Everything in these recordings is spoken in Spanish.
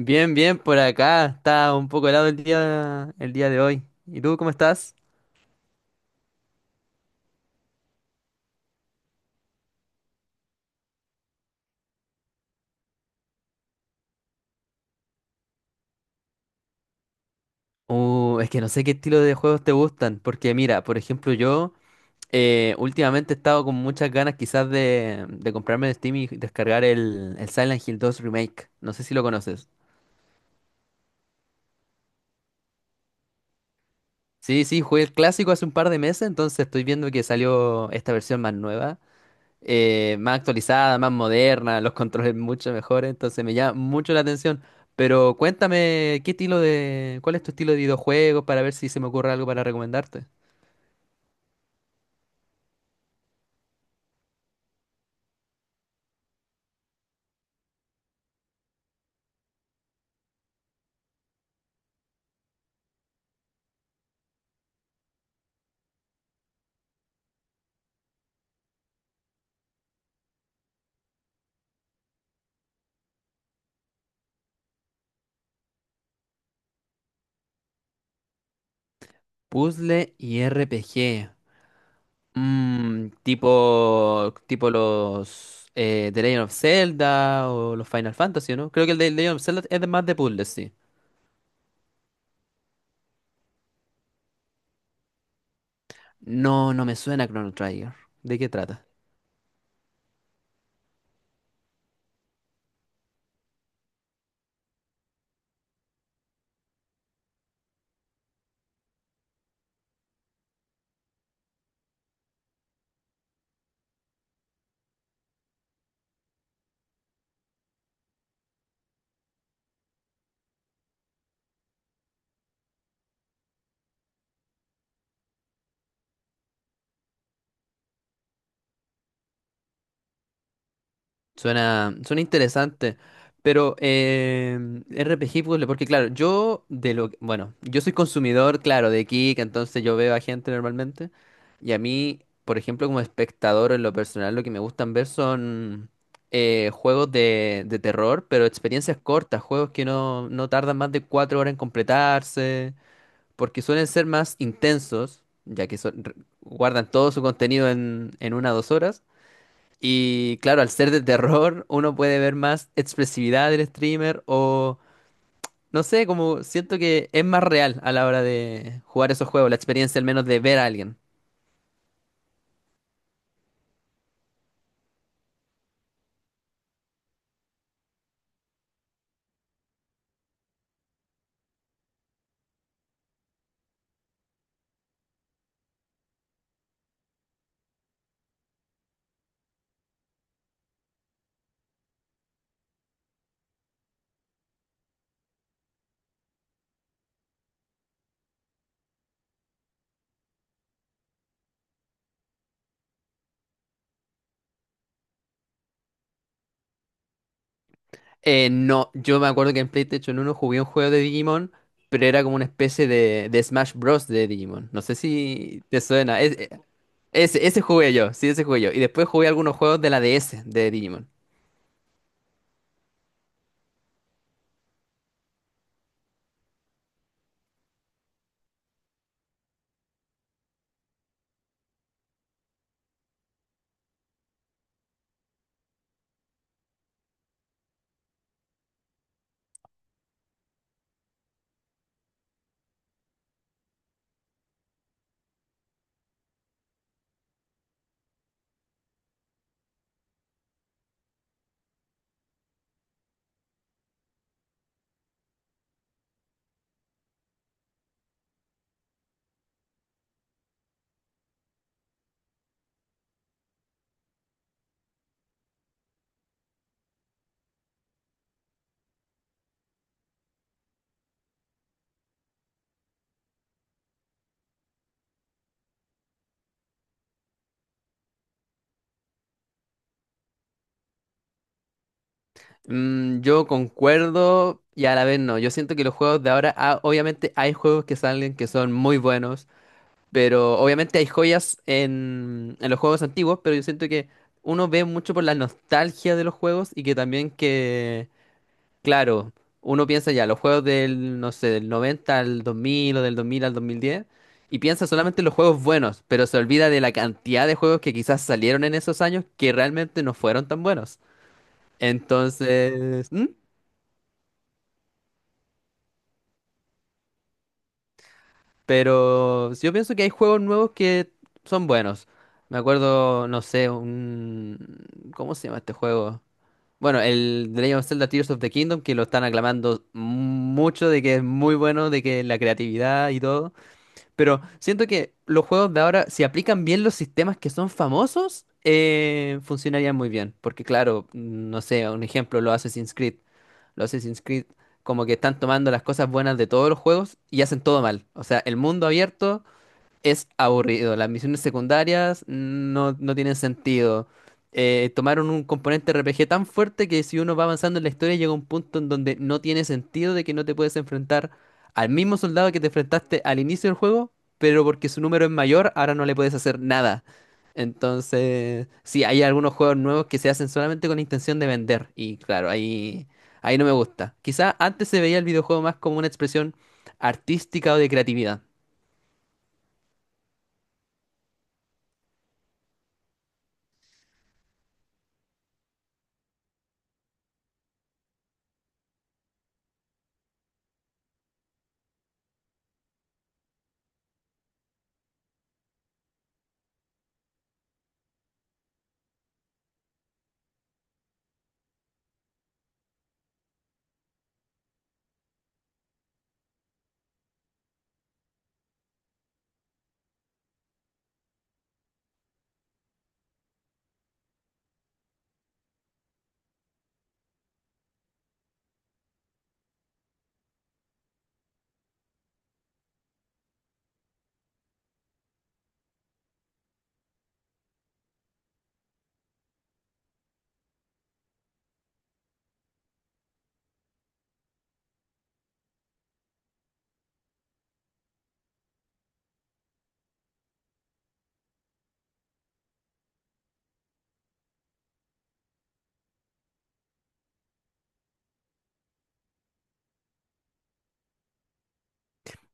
Bien, bien, por acá. Está un poco helado el día de hoy. ¿Y tú cómo estás? Es que no sé qué estilo de juegos te gustan, porque mira, por ejemplo, yo últimamente he estado con muchas ganas quizás de comprarme de Steam y descargar el Silent Hill 2 Remake. No sé si lo conoces. Sí, sí, jugué el clásico hace un par de meses, entonces estoy viendo que salió esta versión más nueva, más actualizada, más moderna, los controles mucho mejores, entonces me llama mucho la atención. Pero cuéntame, cuál es tu estilo de videojuegos para ver si se me ocurre algo para recomendarte? Puzzle y RPG. Tipo los The Legend of Zelda o los Final Fantasy, ¿no? Creo que el de The Legend of Zelda es de más de puzzles, sí. No, no me suena Chrono Trigger. ¿De qué trata? Suena, suena interesante, pero RPG puzzle, porque claro, yo bueno, yo soy consumidor, claro, de Kik, entonces yo veo a gente normalmente. Y a mí, por ejemplo, como espectador en lo personal, lo que me gustan ver son juegos de terror, pero experiencias cortas, juegos que no tardan más de 4 horas en completarse, porque suelen ser más intensos, ya que guardan todo su contenido en una o dos horas. Y claro, al ser de terror, uno puede ver más expresividad del streamer o no sé, como siento que es más real a la hora de jugar esos juegos, la experiencia al menos de ver a alguien. No, yo me acuerdo que en PlayStation uno jugué un juego de Digimon, pero era como una especie de Smash Bros. De Digimon. No sé si te suena. Ese jugué yo, sí, ese jugué yo. Y después jugué algunos juegos de la DS de Digimon. Yo concuerdo y a la vez no. Yo siento que los juegos de ahora, obviamente hay juegos que salen que son muy buenos, pero obviamente hay joyas en los juegos antiguos, pero yo siento que uno ve mucho por la nostalgia de los juegos y que también que, claro, uno piensa ya, los juegos no sé, del 90 al 2000 o del 2000 al 2010 y piensa solamente en los juegos buenos, pero se olvida de la cantidad de juegos que quizás salieron en esos años que realmente no fueron tan buenos. Entonces... ¿Mm? Pero yo pienso que hay juegos nuevos que son buenos. Me acuerdo, no sé, un... ¿Cómo se llama este juego? Bueno, el The Legend of Zelda Tears of the Kingdom, que lo están aclamando mucho de que es muy bueno, de que la creatividad y todo. Pero siento que los juegos de ahora, si aplican bien los sistemas que son famosos, funcionarían muy bien. Porque claro, no sé, un ejemplo, los Assassin's Creed. Los Assassin's Creed como que están tomando las cosas buenas de todos los juegos y hacen todo mal. O sea, el mundo abierto, es aburrido. Las misiones secundarias no tienen sentido. Tomaron un componente RPG tan fuerte que si uno va avanzando en la historia llega un punto en donde no tiene sentido de que no te puedes enfrentar al mismo soldado que te enfrentaste al inicio del juego, pero porque su número es mayor, ahora no le puedes hacer nada. Entonces, sí, hay algunos juegos nuevos que se hacen solamente con la intención de vender. Y claro, ahí no me gusta. Quizá antes se veía el videojuego más como una expresión artística o de creatividad.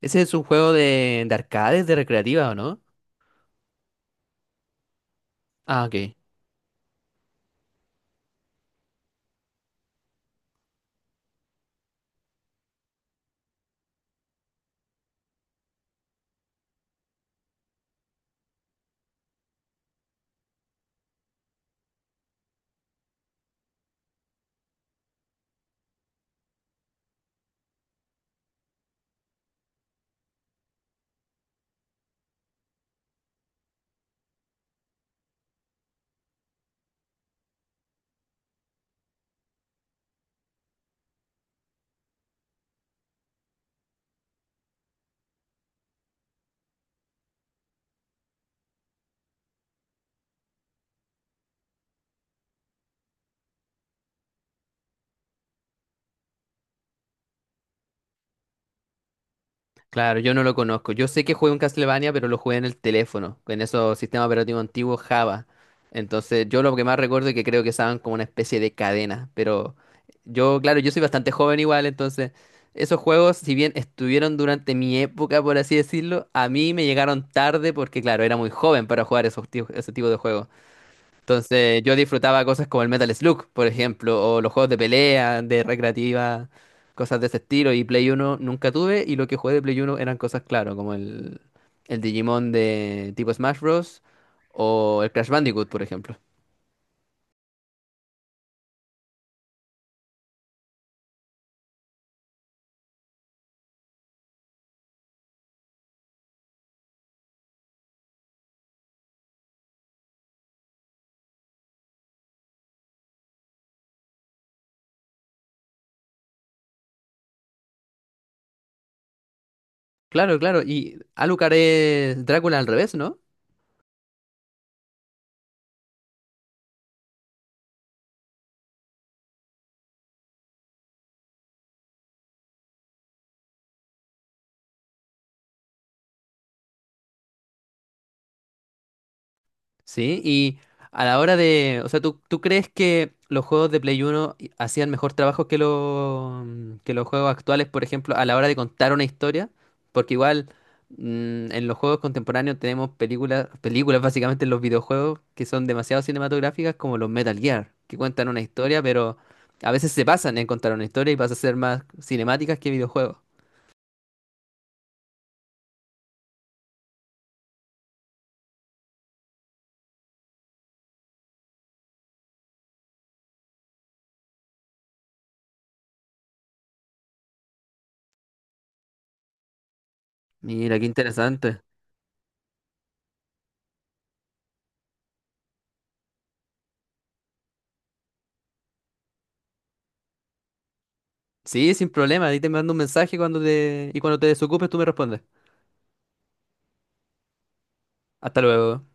Ese es un juego de, arcades, de recreativa, ¿o no? Ah, ok. Claro, yo no lo conozco. Yo sé que jugué un Castlevania, pero lo jugué en el teléfono, en esos sistemas operativos antiguos Java. Entonces, yo lo que más recuerdo es que creo que estaban como una especie de cadena. Pero yo, claro, yo soy bastante joven igual, entonces esos juegos, si bien estuvieron durante mi época, por así decirlo, a mí me llegaron tarde porque, claro, era muy joven para jugar esos, ese tipo de juegos. Entonces yo disfrutaba cosas como el Metal Slug, por ejemplo, o los juegos de pelea, de recreativa, cosas de ese estilo. Y Play Uno nunca tuve y lo que jugué de Play Uno eran cosas, claro, como el Digimon de tipo Smash Bros. O el Crash Bandicoot, por ejemplo. Claro, claro. Y Alucard es Drácula al revés, ¿no? Sí, y a la hora de, o sea, ¿tú crees que los juegos de Play uno hacían mejor trabajo que, que los juegos actuales, por ejemplo, a la hora de contar una historia? Porque igual en los juegos contemporáneos tenemos películas, películas básicamente en los videojuegos que son demasiado cinematográficas como los Metal Gear, que cuentan una historia, pero a veces se pasan en contar una historia y pasa a ser más cinemáticas que videojuegos. Mira, qué interesante. Sí, sin problema, ahí te mando un mensaje y cuando te desocupes tú me respondes. Hasta luego.